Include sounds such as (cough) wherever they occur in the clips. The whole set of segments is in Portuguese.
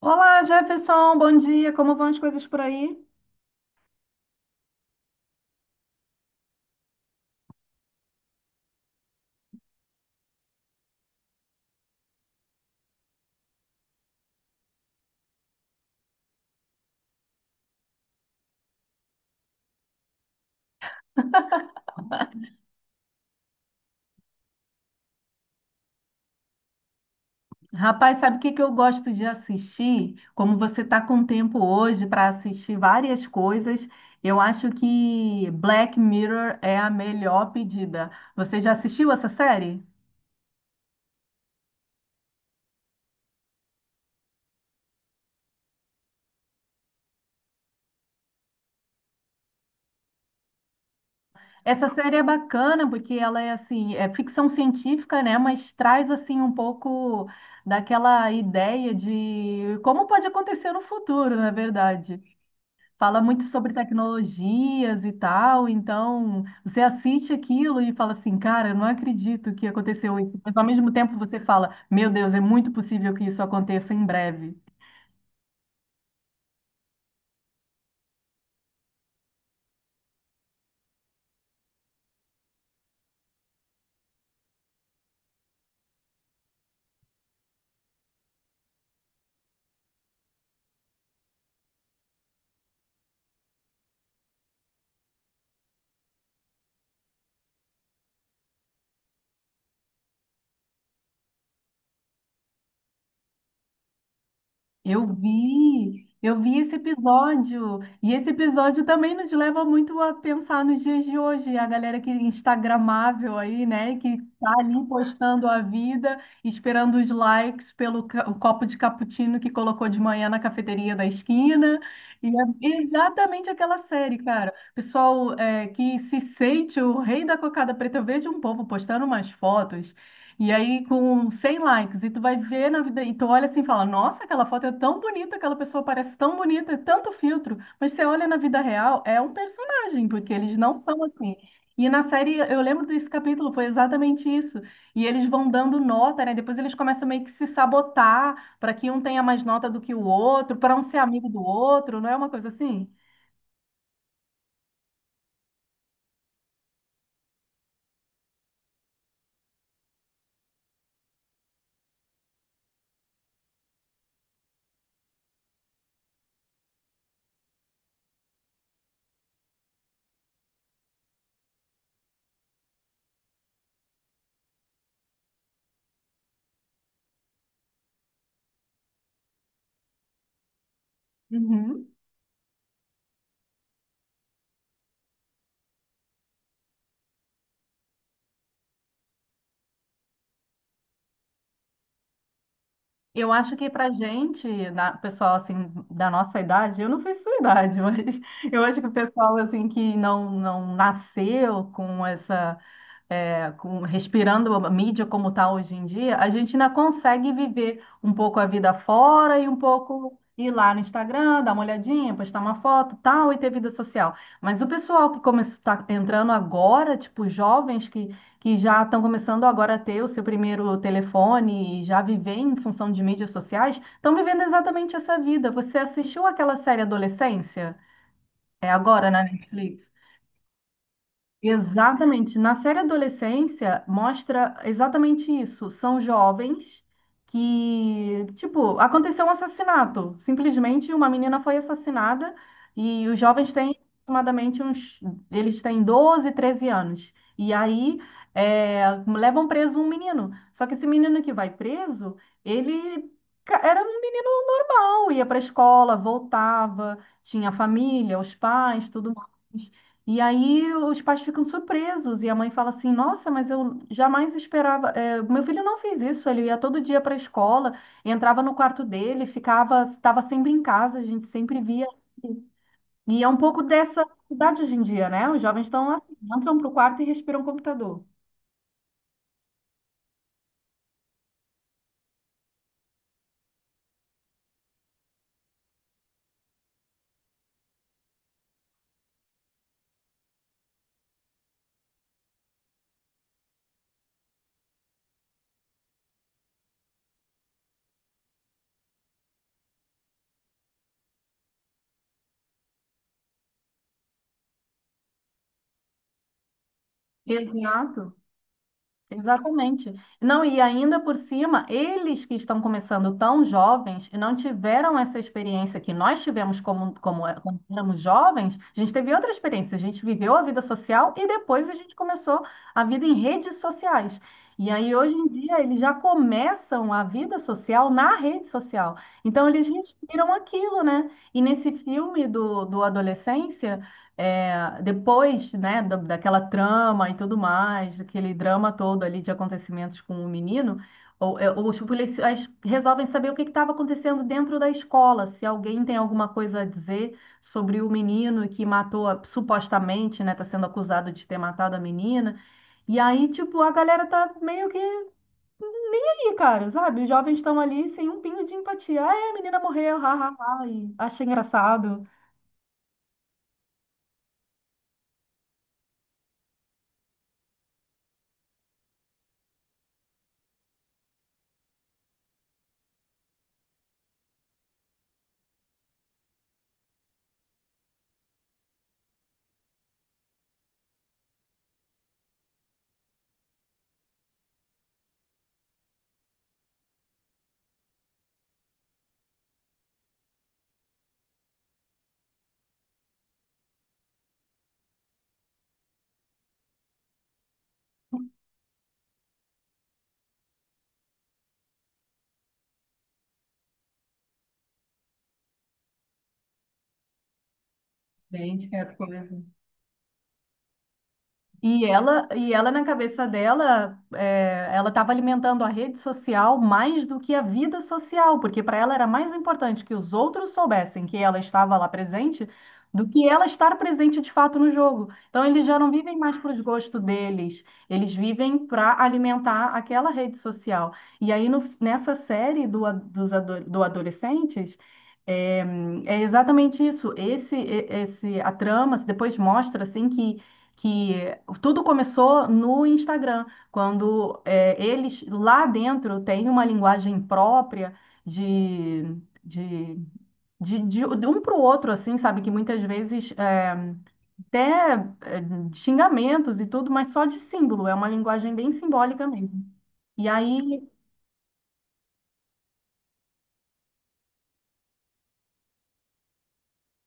Olá, Jefferson, bom dia. Como vão as coisas por aí? Rapaz, sabe o que que eu gosto de assistir? Como você está com tempo hoje para assistir várias coisas, eu acho que Black Mirror é a melhor pedida. Você já assistiu essa série? Essa série é bacana porque ela é assim, é ficção científica, né? Mas traz assim um pouco daquela ideia de como pode acontecer no futuro, na verdade. Fala muito sobre tecnologias e tal, então você assiste aquilo e fala assim, cara, eu não acredito que aconteceu isso, mas ao mesmo tempo você fala, meu Deus, é muito possível que isso aconteça em breve. Eu vi esse episódio, e esse episódio também nos leva muito a pensar nos dias de hoje, a galera que é instagramável aí, né, que tá ali postando a vida, esperando os likes pelo o copo de cappuccino que colocou de manhã na cafeteria da esquina, e é exatamente aquela série, cara. Pessoal, que se sente o rei da cocada preta, eu vejo um povo postando umas fotos e aí, com 100 likes, e tu vai ver na vida, e tu olha assim e fala: Nossa, aquela foto é tão bonita, aquela pessoa parece tão bonita, é tanto filtro. Mas você olha na vida real, é um personagem, porque eles não são assim. E na série, eu lembro desse capítulo, foi exatamente isso. E eles vão dando nota, né? Depois eles começam meio que se sabotar para que um tenha mais nota do que o outro, para um ser amigo do outro, não é uma coisa assim? Uhum. Eu acho que pra gente, pessoal assim da nossa idade, eu não sei sua idade, (laughs) mas eu acho que o pessoal assim que não nasceu com essa respirando a mídia como está hoje em dia, a gente ainda consegue viver um pouco a vida fora e um pouco ir lá no Instagram, dar uma olhadinha, postar uma foto, tal, e ter vida social. Mas o pessoal que está entrando agora, tipo jovens que já estão começando agora a ter o seu primeiro telefone e já viver em função de mídias sociais, estão vivendo exatamente essa vida. Você assistiu aquela série Adolescência? É agora na Netflix? Exatamente. Na série Adolescência, mostra exatamente isso. São jovens que, tipo, aconteceu um assassinato. Simplesmente uma menina foi assassinada e os jovens têm aproximadamente uns. Eles têm 12, 13 anos. E aí levam preso um menino. Só que esse menino que vai preso, ele era um menino normal, ia para a escola, voltava, tinha família, os pais, tudo mais. E aí os pais ficam surpresos e a mãe fala assim: Nossa, mas eu jamais esperava. Meu filho não fez isso. Ele ia todo dia para a escola, entrava no quarto dele, ficava, estava sempre em casa. A gente sempre via. E é um pouco dessa idade hoje em dia, né? Os jovens estão assim, entram para o quarto e respiram o computador. Exato. Exatamente. Não, e ainda por cima, eles que estão começando tão jovens e não tiveram essa experiência que nós tivemos como, quando éramos jovens, a gente teve outra experiência, a gente viveu a vida social e depois a gente começou a vida em redes sociais. E aí, hoje em dia, eles já começam a vida social na rede social. Então, eles respiram aquilo, né? E nesse filme do Adolescência. É, depois, né, daquela trama e tudo mais, aquele drama todo ali de acontecimentos com o menino, os policiais resolvem saber o que estava acontecendo dentro da escola, se alguém tem alguma coisa a dizer sobre o menino que matou, supostamente, né, está sendo acusado de ter matado a menina. E aí, tipo, a galera tá meio que aí, cara, sabe? Os jovens estão ali sem um pingo de empatia. Ah, é, a menina morreu, ha, ha, ha, e achei engraçado. Gente, que coisa. E ela na cabeça dela, ela estava alimentando a rede social mais do que a vida social, porque para ela era mais importante que os outros soubessem que ela estava lá presente do que ela estar presente de fato no jogo. Então eles já não vivem mais para os gostos deles, eles vivem para alimentar aquela rede social. E aí nessa série do adolescentes é, é exatamente isso. Esse, a trama depois mostra assim que tudo começou no Instagram, quando eles lá dentro têm uma linguagem própria de, de, de, de- de um para o outro, assim, sabe? Que muitas vezes é, até xingamentos e tudo, mas só de símbolo, é uma linguagem bem simbólica mesmo. E aí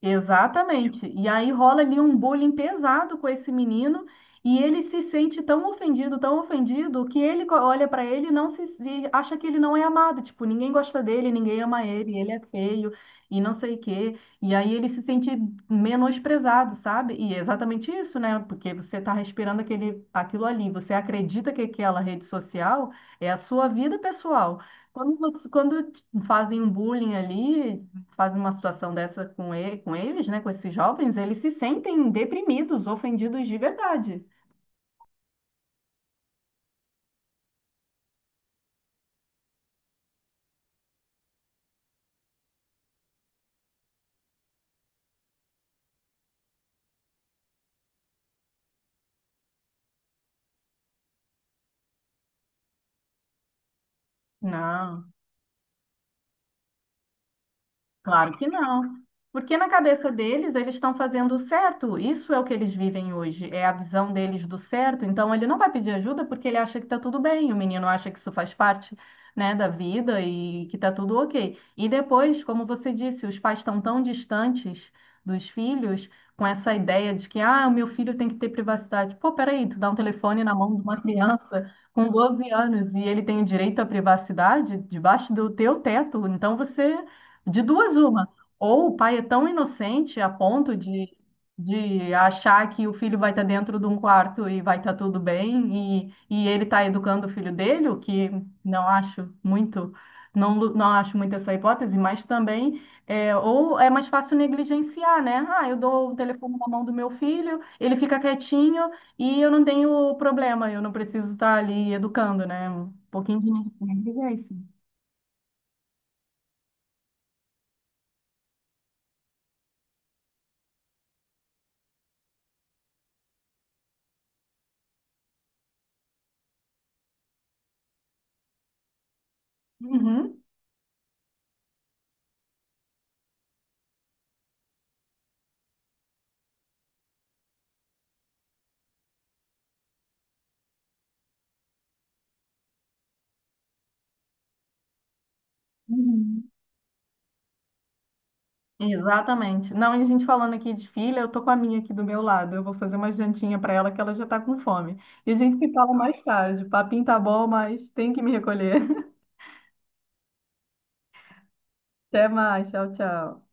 Exatamente. E aí rola ali um bullying pesado com esse menino e ele se sente tão ofendido, que ele olha para ele e não acha que ele não é amado, tipo, ninguém gosta dele, ninguém ama ele, ele é feio e não sei o quê. E aí ele se sente menosprezado, sabe? E é exatamente isso, né? Porque você tá respirando aquele aquilo ali, você acredita que aquela rede social é a sua vida pessoal. Quando te fazem um bullying ali, faz uma situação dessa com ele, com eles, né, com esses jovens, eles se sentem deprimidos, ofendidos de verdade. Não. Claro que não. Porque na cabeça deles, eles estão fazendo o certo. Isso é o que eles vivem hoje, é a visão deles do certo. Então, ele não vai pedir ajuda porque ele acha que está tudo bem. O menino acha que isso faz parte, né, da vida e que está tudo ok. E depois, como você disse, os pais estão tão distantes dos filhos com essa ideia de que, ah, o meu filho tem que ter privacidade. Pô, peraí, tu dá um telefone na mão de uma criança com 12 anos e ele tem o direito à privacidade debaixo do teu teto. Então, você de duas, uma. Ou o pai é tão inocente a ponto de achar que o filho vai estar dentro de um quarto e vai estar tudo bem, e ele está educando o filho dele, o que não acho muito, não, não acho muito essa hipótese, mas também, ou é mais fácil negligenciar, né? Ah, eu dou o telefone na mão do meu filho, ele fica quietinho e eu não tenho problema, eu não preciso estar ali educando, né? Um pouquinho de negligência. Uhum. Uhum. Exatamente. Não, e a gente falando aqui de filha, eu tô com a minha aqui do meu lado. Eu vou fazer uma jantinha para ela que ela já tá com fome. E a gente se fala mais tarde. O papinho tá bom, mas tem que me recolher. (laughs) Até mais. Tchau, tchau.